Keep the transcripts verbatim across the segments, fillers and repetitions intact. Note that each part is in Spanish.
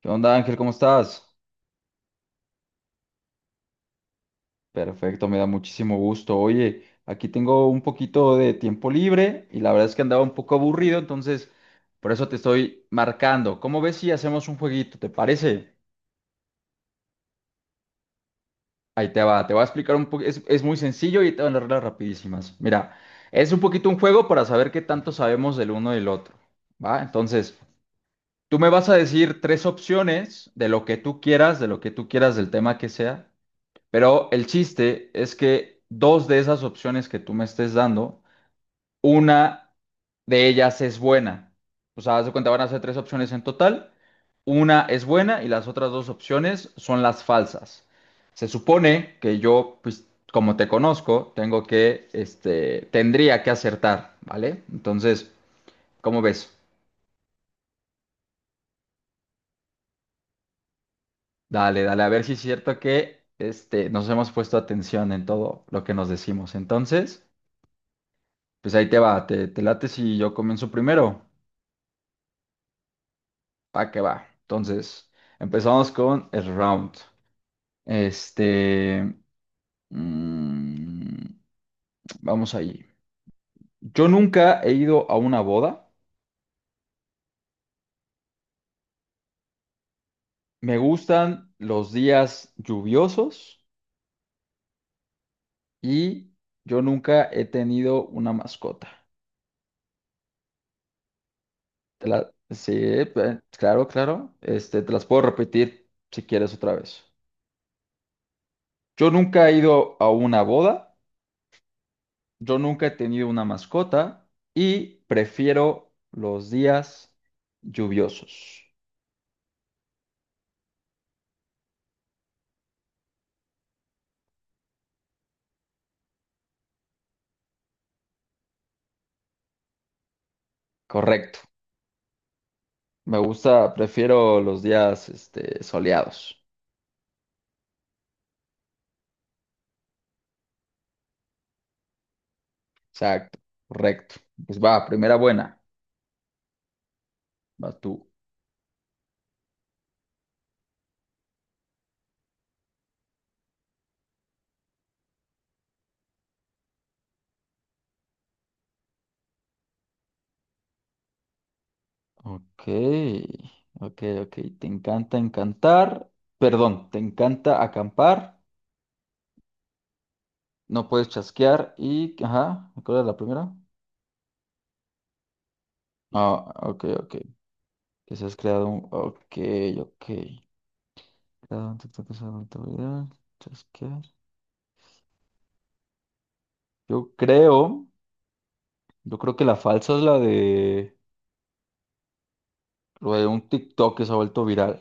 ¿Qué onda, Ángel? ¿Cómo estás? Perfecto, me da muchísimo gusto. Oye, aquí tengo un poquito de tiempo libre y la verdad es que andaba un poco aburrido, entonces por eso te estoy marcando. ¿Cómo ves si hacemos un jueguito? ¿Te parece? Ahí te va, te voy a explicar un poco. Es, es muy sencillo y te van las reglas rapidísimas. Mira, es un poquito un juego para saber qué tanto sabemos del uno del otro, ¿va? Entonces, tú me vas a decir tres opciones de lo que tú quieras, de lo que tú quieras, del tema que sea. Pero el chiste es que dos de esas opciones que tú me estés dando, una de ellas es buena. O sea, haz de cuenta, van a ser tres opciones en total. Una es buena y las otras dos opciones son las falsas. Se supone que yo, pues, como te conozco, tengo que, este, tendría que acertar, ¿vale? Entonces, ¿cómo ves? Dale, dale, a ver si es cierto que, este, nos hemos puesto atención en todo lo que nos decimos. Entonces. Pues ahí te va, te, te late si yo comienzo primero. Pa' que va. Entonces, empezamos con el round. Este, mm, vamos allí. Yo nunca he ido a una boda. Me gustan los días lluviosos y yo nunca he tenido una mascota. Te la- sí, eh, claro, claro. Este, te las puedo repetir si quieres otra vez. Yo nunca he ido a una boda. Yo nunca he tenido una mascota y prefiero los días lluviosos. Correcto. Me gusta, prefiero los días este, soleados. Exacto. Correcto. Pues va, primera buena. Va tú. Ok, ok, ok. Te encanta encantar. Perdón, te encanta acampar. No puedes chasquear y... Ajá, ¿cuál era la primera? Ah, ok, ok. Que se has creado un... Ok, ok. Cada un TikTok es algo viral. Chasquear. Yo creo, yo creo que la falsa es la de, lo de un TikTok que se ha vuelto viral.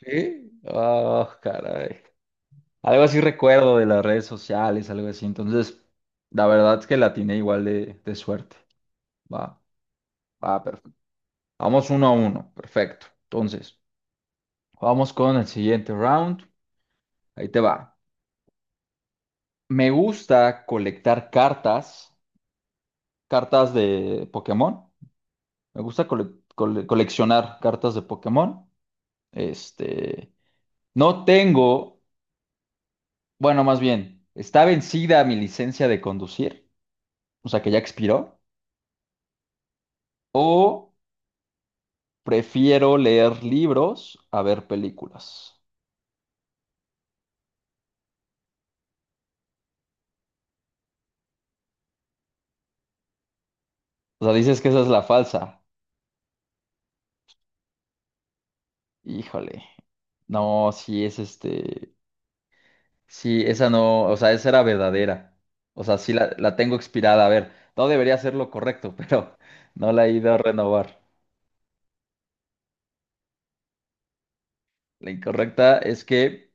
¿Sí? Ah, caray. Algo así recuerdo de las redes sociales, algo así. Entonces, la verdad es que la tiene igual de, de suerte. Va, va, perfecto. Vamos uno a uno, perfecto. Entonces, vamos con el siguiente round. Ahí te va. Me gusta colectar cartas, cartas de Pokémon. Me gusta cole- cole- coleccionar cartas de Pokémon. Este, no tengo, bueno, más bien, está vencida mi licencia de conducir, o sea que ya expiró, o prefiero leer libros a ver películas. O sea, dices que esa es la falsa. Híjole. No, sí es este, sí, esa no, o sea, esa era verdadera. O sea, sí la, la tengo expirada. A ver, no debería ser lo correcto, pero no la he ido a renovar. La incorrecta es que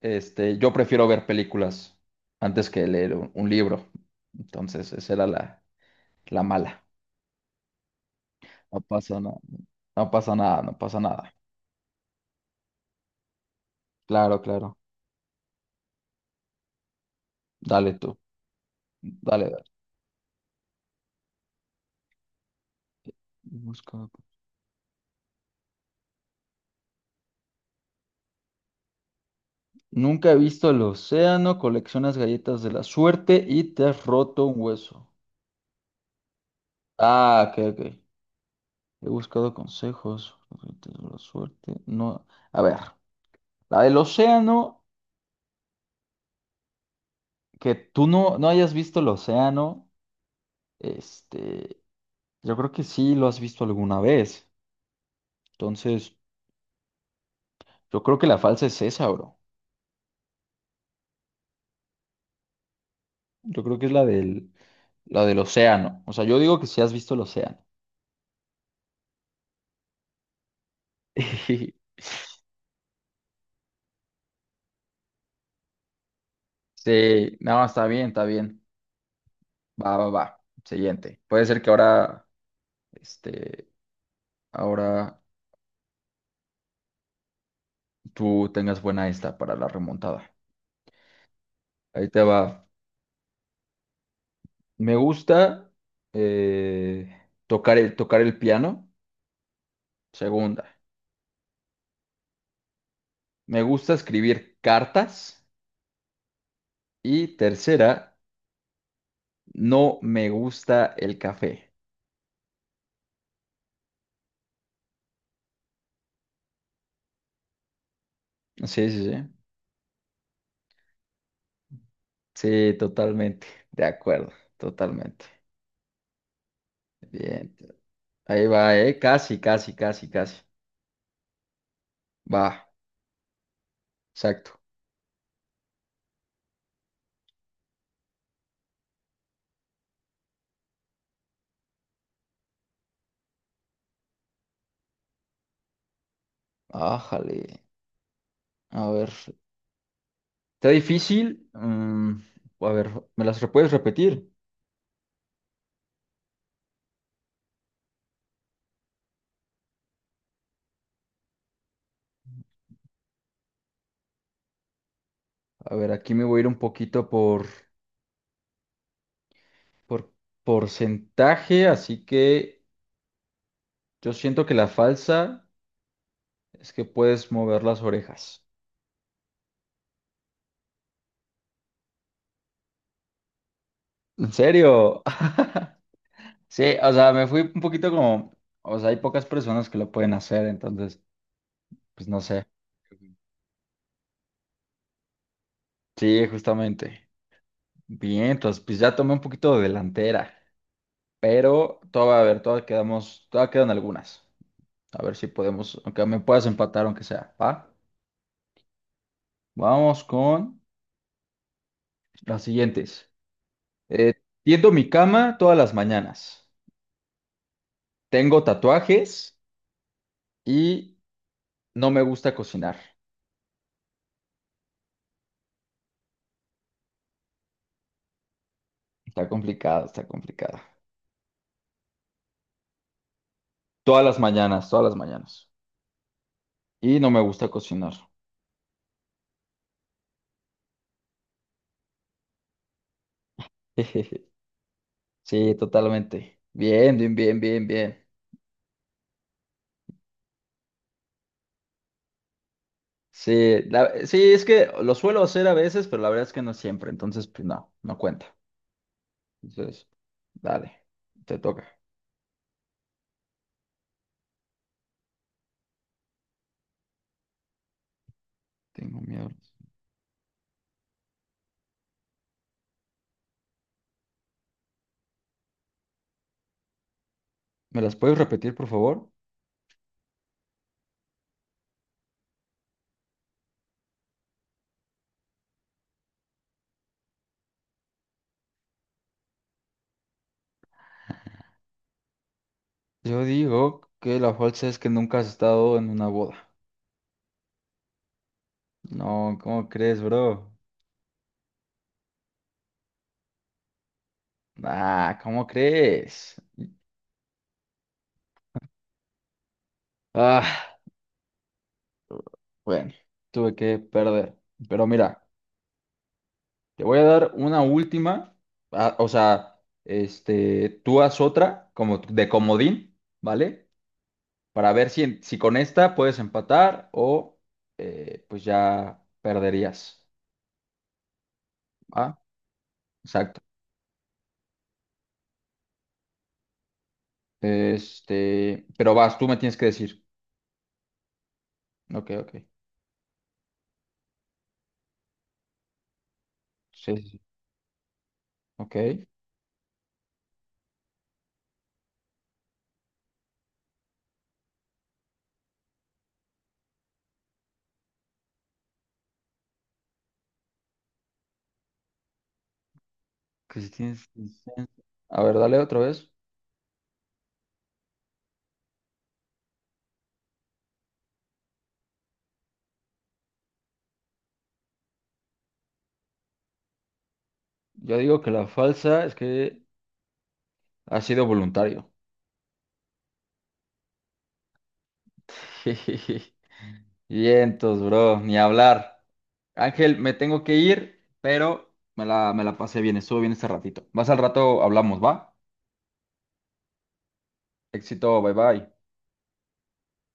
Este, yo prefiero ver películas antes que leer un, un libro. Entonces, esa era la, la mala. No pasa nada, no pasa nada, no pasa nada. Claro, claro. Dale tú. Dale, dale. Busca- Nunca he visto el océano, coleccionas galletas de la suerte y te has roto un hueso. Ah, ok, ok. He buscado consejos, galletas de la suerte. No, a ver, la del océano, que tú no, no hayas visto el océano. Este, Yo creo que sí lo has visto alguna vez. Entonces, yo creo que la falsa es esa, bro. Yo creo que es la del, la del océano. O sea, yo digo que sí has visto el océano. Sí, no, está bien, está bien. Va, va, va. Siguiente. Puede ser que ahora, este, ahora tú tengas buena esta para la remontada. Ahí te va. Me gusta eh, tocar el, tocar el piano. Segunda. Me gusta escribir cartas. Y tercera. No me gusta el café. Sí, sí, sí. Sí, totalmente. De acuerdo, totalmente. Bien. Ahí va, ¿eh? Casi, casi, casi, casi. Va, exacto. Ájale. A ver. ¿Está difícil? Mm, a ver, ¿me las puedes repetir? A ver, aquí me voy a ir un poquito por, por porcentaje, así que yo siento que la falsa es que puedes mover las orejas. ¿En serio? Sí, o sea, me fui un poquito como, o sea, hay pocas personas que lo pueden hacer, entonces, pues no sé. Sí, justamente. Bien, entonces, pues ya tomé un poquito de delantera, pero todavía, a ver, todavía quedamos, todavía quedan algunas. A ver si podemos, aunque me puedas empatar, aunque sea, ¿va? Vamos con las siguientes. Eh, tiendo mi cama todas las mañanas. Tengo tatuajes y no me gusta cocinar. Está complicado, está complicado. Todas las mañanas, todas las mañanas. Y no me gusta cocinar. Sí, totalmente. Bien, bien, bien, bien, bien. Sí, la- sí, es que lo suelo hacer a veces, pero la verdad es que no siempre. Entonces, pues no, no cuenta. Entonces, dale, te toca. Tengo miedo. ¿Me las puedes repetir, por favor? Yo digo que la falsa es que nunca has estado en una boda. No, ¿cómo crees, bro? Ah, ¿cómo crees? Ah, bueno, tuve que perder. Pero mira. Te voy a dar una última, ah, o sea, este, tú haz otra como de comodín, ¿vale? Para ver si, en- si con esta puedes empatar o eh, pues ya perderías, ¿va? Exacto. Este, pero vas, tú me tienes que decir. Ok, ok. Sí, sí, sí. Ok. Que si tienes licencia. A ver, dale otra vez. Yo digo que la falsa es que ha sido voluntario. Vientos, bro, ni hablar. Ángel, me tengo que ir, pero me la, me la pasé bien, estuvo bien este ratito. Más al rato hablamos, ¿va? Éxito, bye bye.